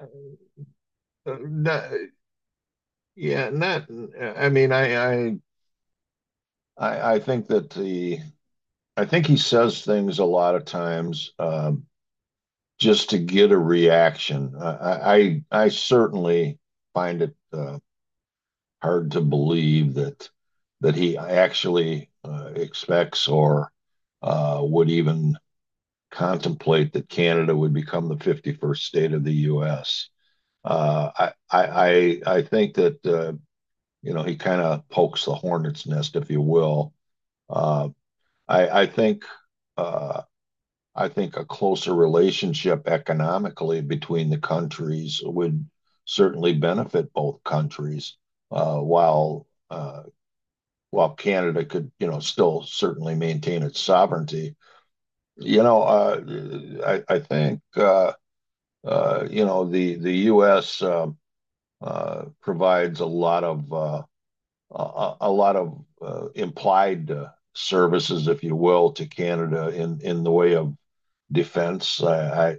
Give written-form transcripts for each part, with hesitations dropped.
Uh, not, yeah, not. I mean, I, I think that the. I think he says things a lot of times just to get a reaction. I certainly find it hard to believe that he actually expects or would even contemplate that Canada would become the 51st state of the U.S. I think that you know, he kind of pokes the hornet's nest, if you will. Uh, I, I think uh, I think a closer relationship economically between the countries would certainly benefit both countries, uh, while uh, while Canada could, you know, still certainly maintain its sovereignty. You know, I think You know the U.S. Provides a lot of implied services, if you will, to Canada in the way of defense. I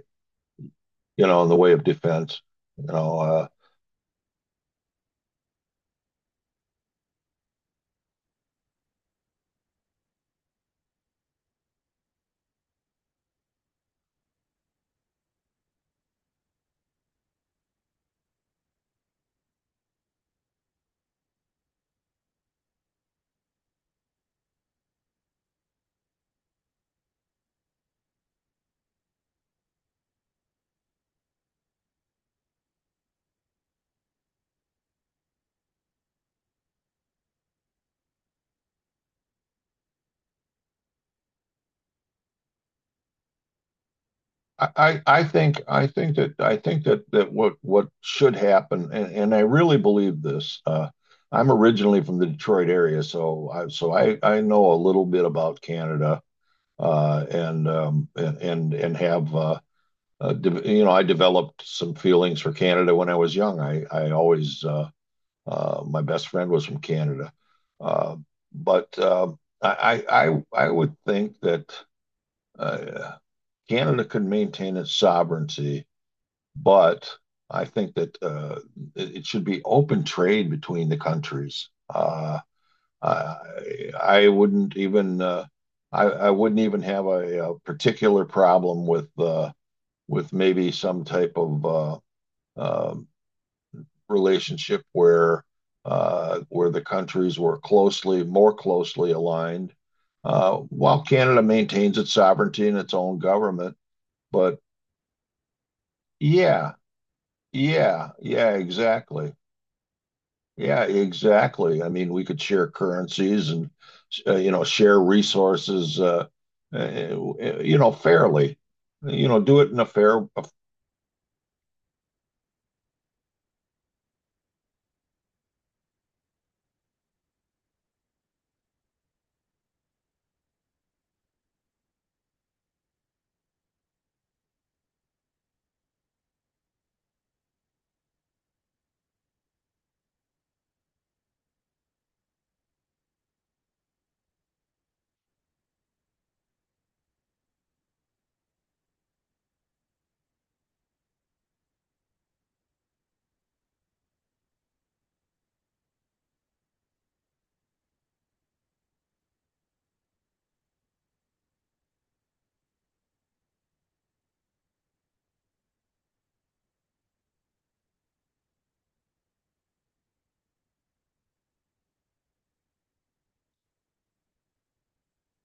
You know, in the way of defense, you know, I think that what what should happen, and I really believe this. I'm originally from the Detroit area, so I know a little bit about Canada and have de- you know, I developed some feelings for Canada when I was young. I always, my best friend was from Canada. Uh, but I would think that uh, Canada can maintain its sovereignty, but I think that it should be open trade between the countries. I wouldn't even, I wouldn't even have a particular problem with maybe some type of um, relationship where the countries were closely, more closely aligned, while Canada maintains its sovereignty and its own government. But yeah, yeah, yeah, exactly. Yeah, exactly. I mean, we could share currencies and you know share resources uh, you know fairly. You know, do it in a fair.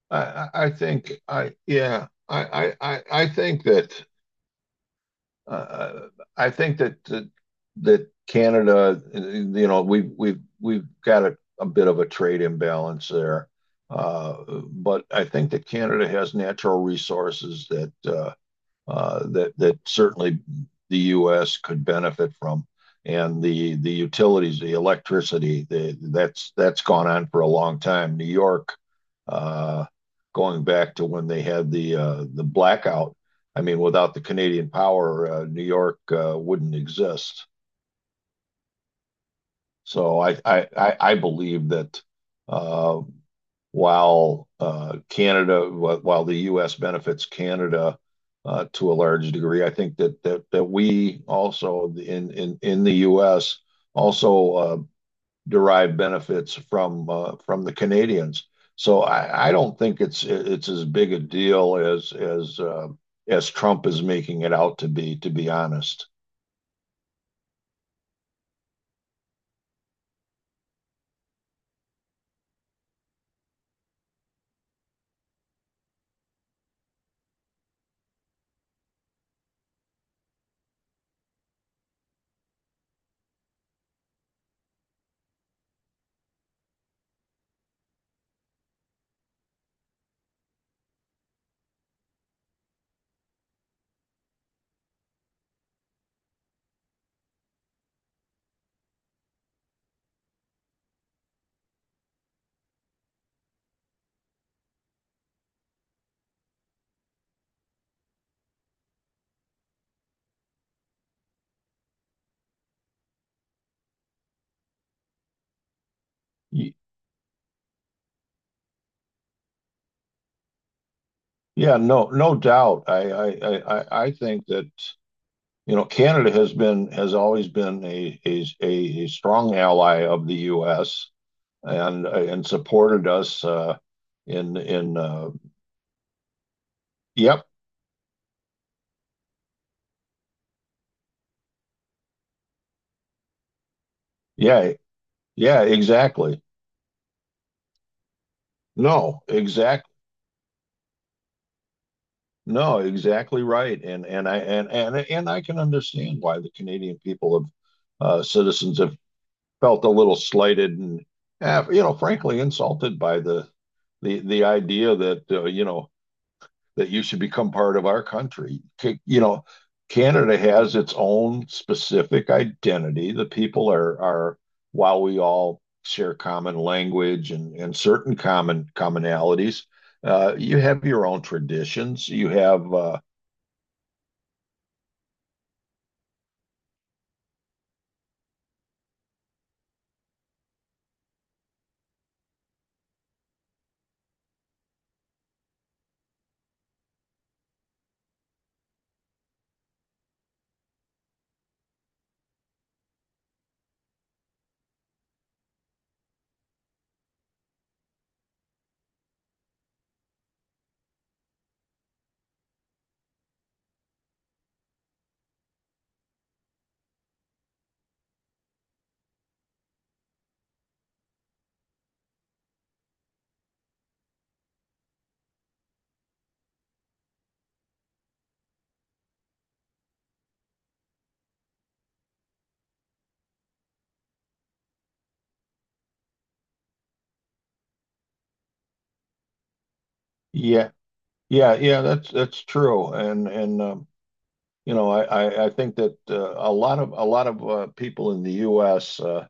I think I yeah I think that uh, I think that Canada, you know, we've got a bit of a trade imbalance there, uh, but I think that Canada has natural resources that certainly the U.S. could benefit from. And the utilities, the electricity, that's gone on for a long time. New York, uh, going back to when they had the blackout, I mean, without the Canadian power, New York wouldn't exist. So I believe that uh, while the U.S. benefits Canada to a large degree, I think that we also in the U.S. also derive benefits from the Canadians. So I don't think it's as big a deal as Trump is making it out to be honest. Yeah, no, no doubt. I think that, you know, Canada has been, has always been a strong ally of the U.S. And supported us, in, in, uh, yep, yeah, yeah, exactly. No, exact, no, exactly right. And, and I can understand why the Canadian people have, citizens have felt a little slighted and, you know, frankly insulted by the the idea that you know that you should become part of our country. You know, Canada has its own specific identity. The people are, while we all share common language and certain common commonalities, you have your own traditions. You have Yeah, yeah, yeah, that's true and you know, I think that a lot of a lot of people in the U.S. Uh,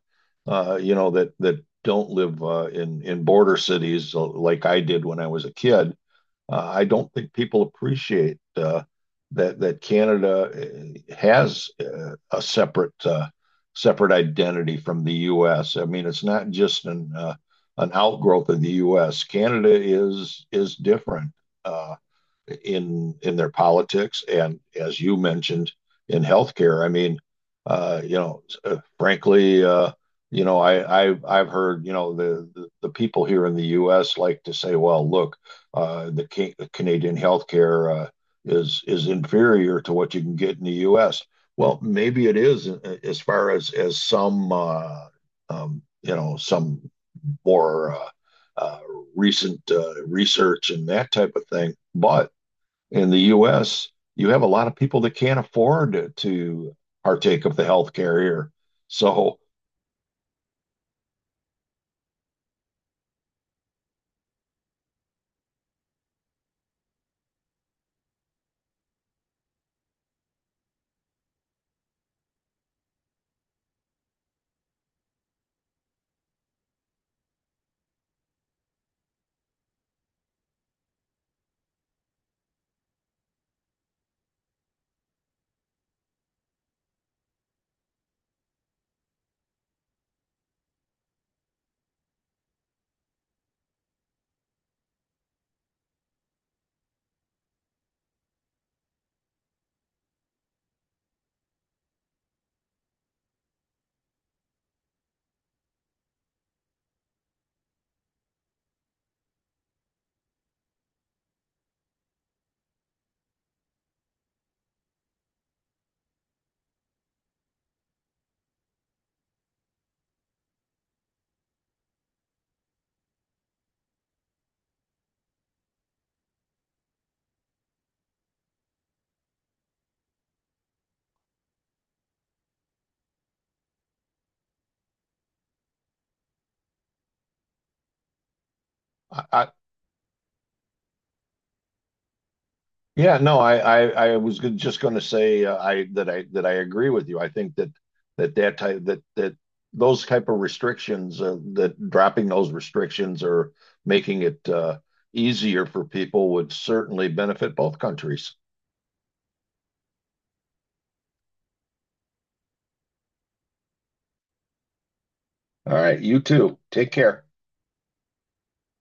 uh, You know that that don't live in border cities like I did when I was a kid. I don't think people appreciate that that Canada has a separate separate identity from the U.S. I mean, it's not just an outgrowth of the U.S. Canada is different. Uh, in their politics, and as you mentioned, in healthcare. I mean, you know, frankly, you know, I've heard you know the people here in the U.S. like to say, well, look, the Canadian healthcare is inferior to what you can get in the U.S. Well, maybe it is as far as some you know some more uh, recent research and that type of thing, but in the U.S., you have a lot of people that can't afford to partake of the healthcare here. So I Yeah, no, I was just going to say I that I that I agree with you. I think that that that type that that those type of restrictions, that dropping those restrictions or making it easier for people would certainly benefit both countries. All right, you too. Take care.